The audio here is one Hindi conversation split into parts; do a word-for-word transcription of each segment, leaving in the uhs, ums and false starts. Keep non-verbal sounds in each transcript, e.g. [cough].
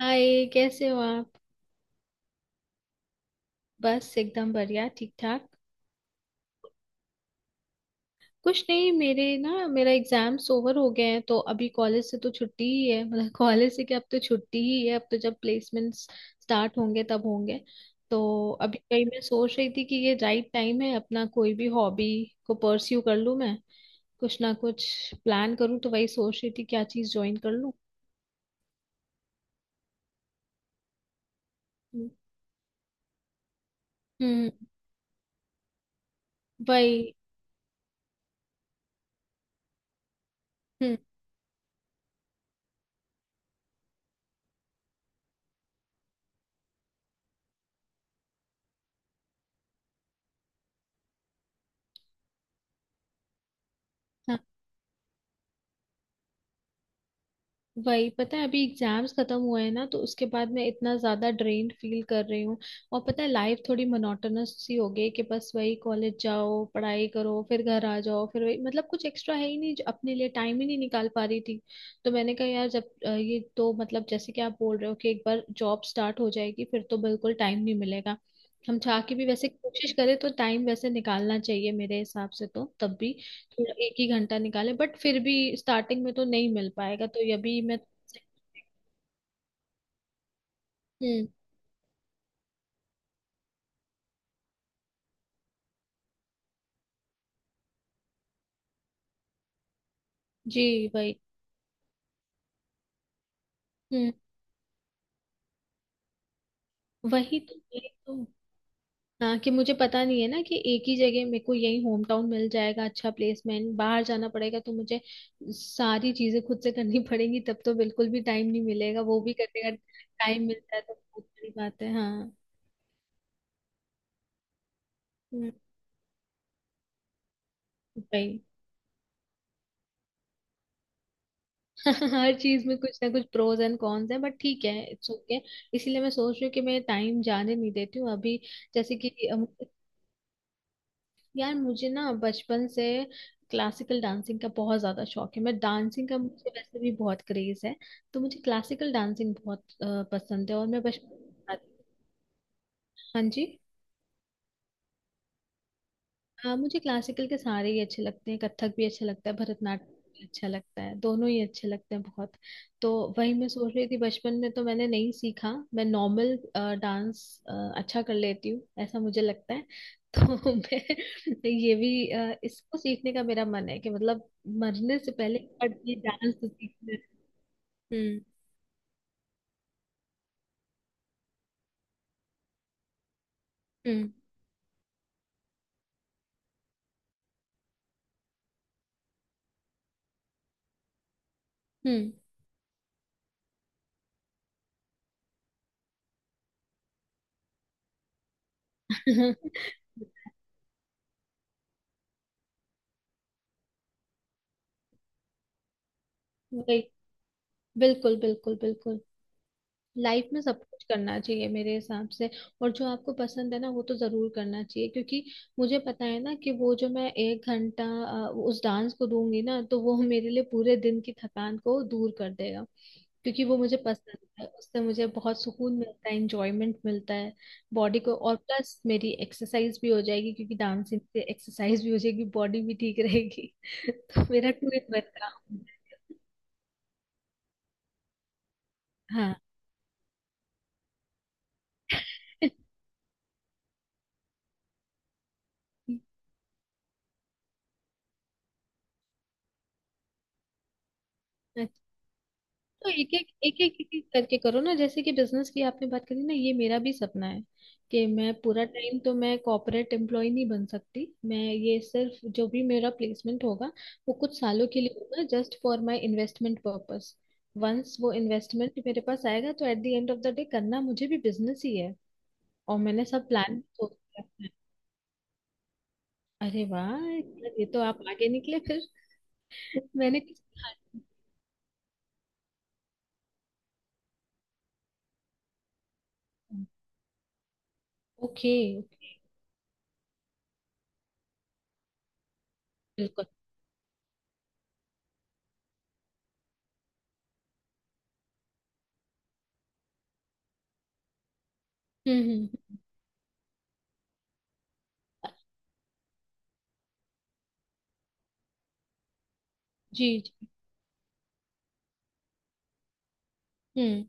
हाय, कैसे हो आप। बस एकदम बढ़िया, ठीक ठाक। कुछ नहीं, मेरे ना मेरा एग्जाम्स ओवर हो गए हैं, तो अभी कॉलेज से तो छुट्टी ही है, मतलब [laughs] कॉलेज से क्या, अब तो छुट्टी ही है। अब तो जब प्लेसमेंट्स स्टार्ट होंगे तब होंगे। तो अभी वही मैं सोच रही थी कि ये राइट टाइम है, अपना कोई भी हॉबी को परस्यू कर लूँ मैं, कुछ ना कुछ प्लान करूँ। तो वही सोच रही थी क्या चीज़ ज्वाइन कर लूँ। हम्म। वही। हम्म। वही, पता है अभी एग्जाम्स खत्म हुए हैं ना तो उसके बाद मैं इतना ज्यादा ड्रेन्ड फील कर रही हूँ। और पता है लाइफ थोड़ी मोनोटोनस सी हो गई कि बस वही कॉलेज जाओ, पढ़ाई करो, फिर घर आ जाओ, फिर वही, मतलब कुछ एक्स्ट्रा है ही नहीं जो अपने लिए टाइम ही नहीं निकाल पा रही थी। तो मैंने कहा यार, जब अ, ये तो मतलब जैसे कि आप बोल रहे हो कि एक बार जॉब स्टार्ट हो जाएगी फिर तो बिल्कुल टाइम नहीं मिलेगा। हम चाह के भी वैसे कोशिश करें तो टाइम वैसे निकालना चाहिए मेरे हिसाब से, तो तब भी एक ही घंटा निकाले, बट फिर भी स्टार्टिंग में तो नहीं मिल पाएगा। तो ये भी मैं। हम्म। जी वही। हम्म। वही तो, वही तो। हाँ, कि मुझे पता नहीं है ना कि एक ही जगह मेरे को यही होम टाउन मिल जाएगा, अच्छा प्लेसमेंट, बाहर जाना पड़ेगा तो मुझे सारी चीजें खुद से करनी पड़ेंगी, तब तो बिल्कुल भी टाइम नहीं मिलेगा वो भी करने का। टाइम मिलता है तो बहुत बड़ी बात है। हाँ। हम्म। वही। [laughs] हर चीज में कुछ ना कुछ प्रोज एंड कॉन्स है, बट ठीक है, इट्स ओके। इसीलिए मैं सोच रही हूँ कि मैं टाइम जाने नहीं देती हूँ अभी। जैसे कि अम, यार मुझे ना बचपन से क्लासिकल डांसिंग का बहुत ज्यादा शौक है। मैं डांसिंग का, मुझे वैसे भी बहुत क्रेज है। तो मुझे क्लासिकल डांसिंग बहुत अ, पसंद है, और मैं बचपन। हाँ जी। हाँ, मुझे क्लासिकल के सारे ही अच्छे लगते हैं। कथक भी अच्छा लगता है, भरतनाट्यम भी अच्छा लगता है। दोनों ही अच्छे लगते हैं बहुत। तो वही मैं सोच रही थी, बचपन में तो मैंने नहीं सीखा। मैं नॉर्मल डांस अच्छा कर लेती हूँ, ऐसा मुझे लगता है। [laughs] तो मैं ये भी अ, इसको सीखने का मेरा मन है कि, मतलब मरने से पहले पर ये डांस तो सीखना है। हम्म। हम्म। हम्म। [laughs] वही। बिल्कुल बिल्कुल बिल्कुल। लाइफ में सब कुछ करना चाहिए मेरे हिसाब से, और जो आपको पसंद है ना वो तो जरूर करना चाहिए, क्योंकि मुझे पता है ना कि वो जो मैं एक घंटा अ, उस डांस को दूंगी ना तो वो मेरे लिए पूरे दिन की थकान को दूर कर देगा, क्योंकि वो मुझे पसंद है, उससे मुझे बहुत सुकून मिलता है, इंजॉयमेंट मिलता है बॉडी को। और प्लस मेरी एक्सरसाइज भी हो जाएगी, क्योंकि डांसिंग से एक्सरसाइज भी हो जाएगी, बॉडी भी ठीक रहेगी। [laughs] तो मेरा टू इन वन काम है। हाँ। [laughs] अच्छा, तो एक एक एक एक एक एक करके करो ना। जैसे कि बिजनेस की आपने बात करी ना, ये मेरा भी सपना है कि मैं पूरा टाइम तो मैं कॉर्पोरेट एम्प्लॉय नहीं बन सकती। मैं ये सिर्फ जो भी मेरा प्लेसमेंट होगा वो कुछ सालों के लिए होगा, just for my investment purpose. Once वो इन्वेस्टमेंट मेरे पास आएगा तो at the end of the day करना मुझे भी बिजनेस ही है, और मैंने सब प्लान सोच के रखा है। अरे वाह। ये तो आप आगे निकले फिर। [laughs] मैंने कुछ। ओके। [laughs] बिल्कुल। हम्म। हम्म। जी जी। हम्म।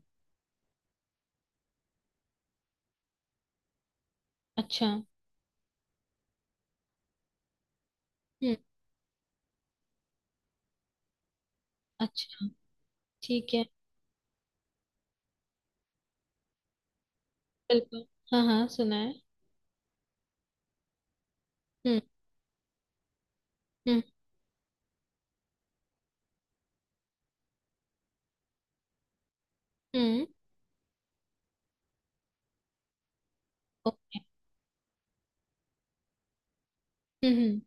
अच्छा। हम्म। अच्छा। ठीक है। बिल्कुल। हाँ हाँ, सुना है। हम्म। हम्म। हम्म। ओके। हम्म। हम्म।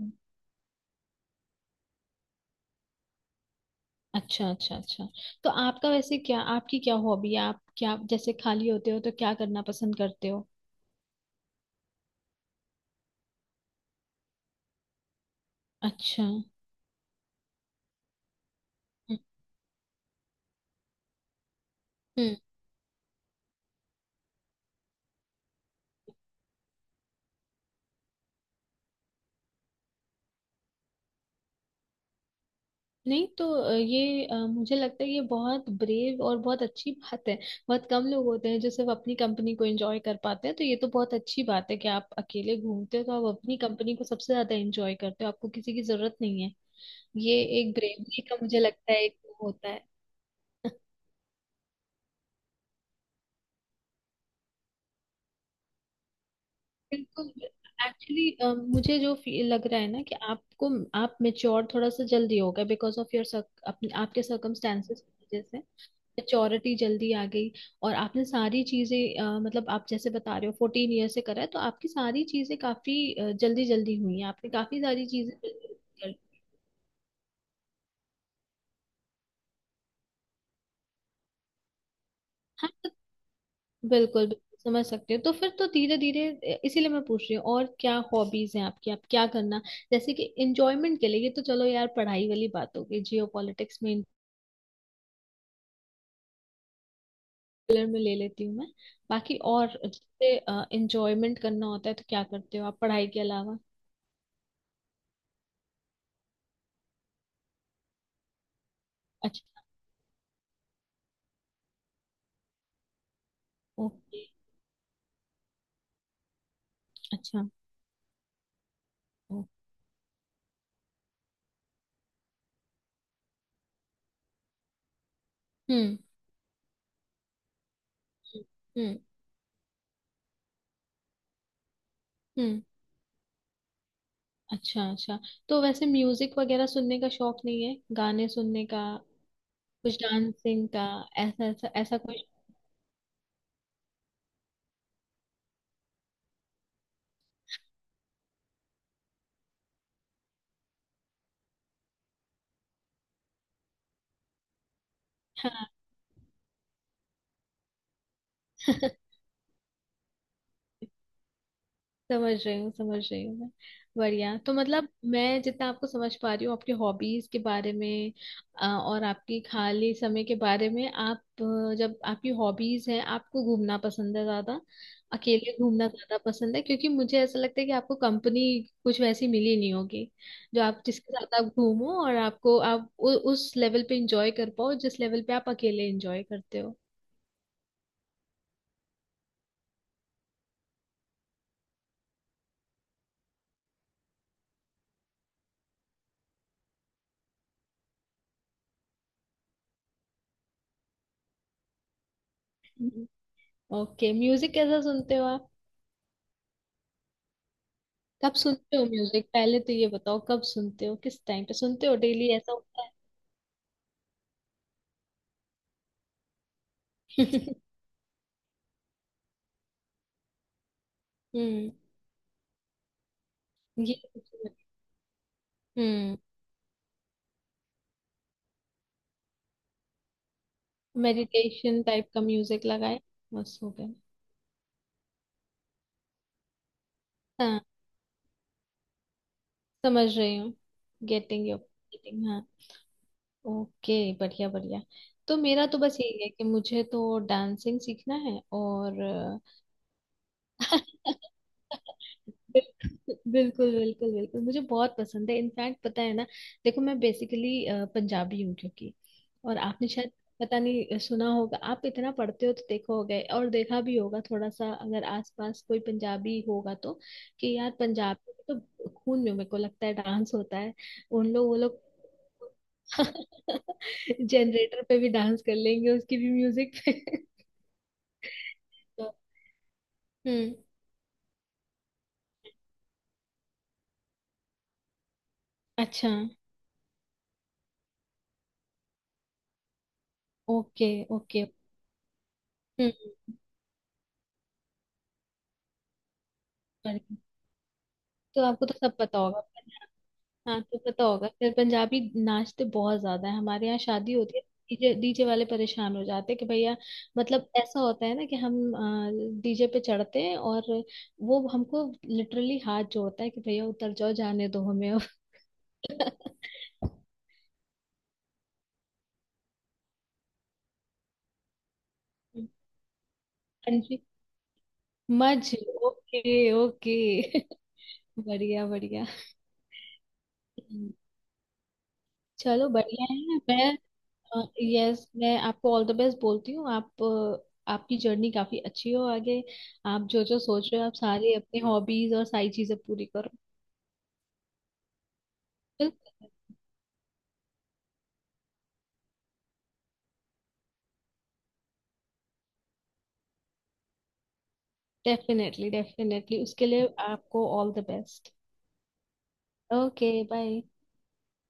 हम्म। अच्छा अच्छा अच्छा, तो आपका वैसे क्या, आपकी क्या हॉबी है, आप क्या जैसे खाली होते हो तो क्या करना पसंद करते हो। अच्छा। हम्म। हम्म। नहीं तो अ, ये अ, मुझे लगता है ये बहुत ब्रेव और बहुत अच्छी बात है। बहुत कम लोग होते हैं जो सिर्फ अपनी कंपनी को एंजॉय कर पाते हैं। तो ये तो बहुत अच्छी बात है कि आप अकेले घूमते हो, तो आप अपनी कंपनी को सबसे ज्यादा एंजॉय करते हो, आपको किसी की जरूरत नहीं है। ये एक ब्रेवरी का मुझे लगता है एक वो होता है। बिल्कुल। एक्चुअली मुझे जो फील लग रहा है ना कि आपको, आप मेच्योर थोड़ा सा जल्दी हो गए बिकॉज ऑफ योर, अपने आपके सर्कमस्टेंसेस की वजह से। मेच्योरिटी जल्दी आ गई, और आपने सारी चीजें अ, मतलब आप जैसे बता रहे हो फोर्टीन ईयर से करा है तो आपकी सारी चीजें काफी जल्दी जल्दी हुई हैं। आपने काफी सारी चीजें जल्दी कर हाँ, तो बिल्कुल बिल्कुल समझ सकते हो, तो फिर तो धीरे धीरे इसीलिए मैं पूछ रही हूँ और क्या हॉबीज हैं आपकी, आप क्या करना, जैसे कि एंजॉयमेंट के लिए। ये तो चलो यार पढ़ाई वाली बात हो गई, जियो पॉलिटिक्स में इंटर में ले लेती हूँ मैं। बाकी और जैसे एंजॉयमेंट करना होता है तो क्या करते हो आप पढ़ाई के अलावा। अच्छा। ओके। अच्छा। ओ, हम्म। हम्म। हम्म। अच्छा अच्छा, तो वैसे म्यूजिक वगैरह सुनने का शौक नहीं है, गाने सुनने का, कुछ डांसिंग का, ऐसा ऐसा ऐसा कुछ। हाँ। [laughs] समझ रही हूँ, समझ रही हूँ मैं। बढ़िया, तो मतलब मैं जितना आपको समझ पा रही हूँ आपके हॉबीज के बारे में अ, और आपकी खाली समय के बारे में, आप अ, जब आपकी हॉबीज है, आपको घूमना पसंद है ज्यादा, अकेले घूमना ज्यादा पसंद है, क्योंकि मुझे ऐसा लगता है कि आपको कंपनी कुछ वैसी मिली नहीं होगी जो आप, जिसके साथ आप घूमो और आपको आप उ, उस लेवल पे इंजॉय कर पाओ जिस लेवल पे आप अकेले इंजॉय करते हो। ओके, म्यूजिक कैसा सुनते हो आप, कब सुनते हो म्यूजिक, पहले तो ये बताओ कब सुनते हो, किस टाइम पे सुनते हो, डेली ऐसा होता है। [laughs] हम्म। ये हम्म। मेडिटेशन टाइप का म्यूजिक लगाए बस हो गया। हाँ, समझ रही हूँ। गेटिंग योर गेटिंग, हाँ। ओके। बढ़िया बढ़िया। तो मेरा तो बस यही है कि मुझे तो डांसिंग सीखना है और [laughs] बिल्कुल बिल्कुल बिल्कुल, मुझे बहुत पसंद है। इनफैक्ट पता है ना, देखो मैं बेसिकली पंजाबी हूँ, क्योंकि और आपने शायद पता नहीं अ, सुना होगा, आप इतना पढ़ते हो तो देखो हो गए, और देखा भी होगा थोड़ा सा अगर आसपास कोई पंजाबी होगा तो, कि यार पंजाब में तो खून में, मेरे को लगता है, डांस होता है। उन लोग वो लोग [laughs] जनरेटर पे भी डांस कर लेंगे, उसकी भी म्यूजिक पे। [laughs] तो, हम्म। अच्छा। Okay okay. हम्म। तो आपको तो सब पता होगा। हाँ, तो पता होगा फिर पंजाबी नाचते बहुत ज्यादा है। हमारे यहाँ शादी होती है, डीजे डीजे वाले परेशान हो जाते हैं कि भैया, मतलब ऐसा होता है ना कि हम डीजे पे चढ़ते हैं और वो हमको लिटरली हाथ जोड़ता है कि भैया उतर जाओ, जाने दो हमें अब। [laughs] हाँ जी। मज। Okay okay. [laughs] बढ़िया बढ़िया। चलो बढ़िया है। मैं, यस, मैं आपको ऑल द बेस्ट बोलती हूँ। आप अ, आपकी जर्नी काफी अच्छी हो आगे, आप जो जो सोच रहे हो, आप सारी अपनी हॉबीज और सारी चीजें पूरी करो। बिल्कुल। डेफिनेटली डेफिनेटली, उसके लिए आपको all the best. Okay, bye.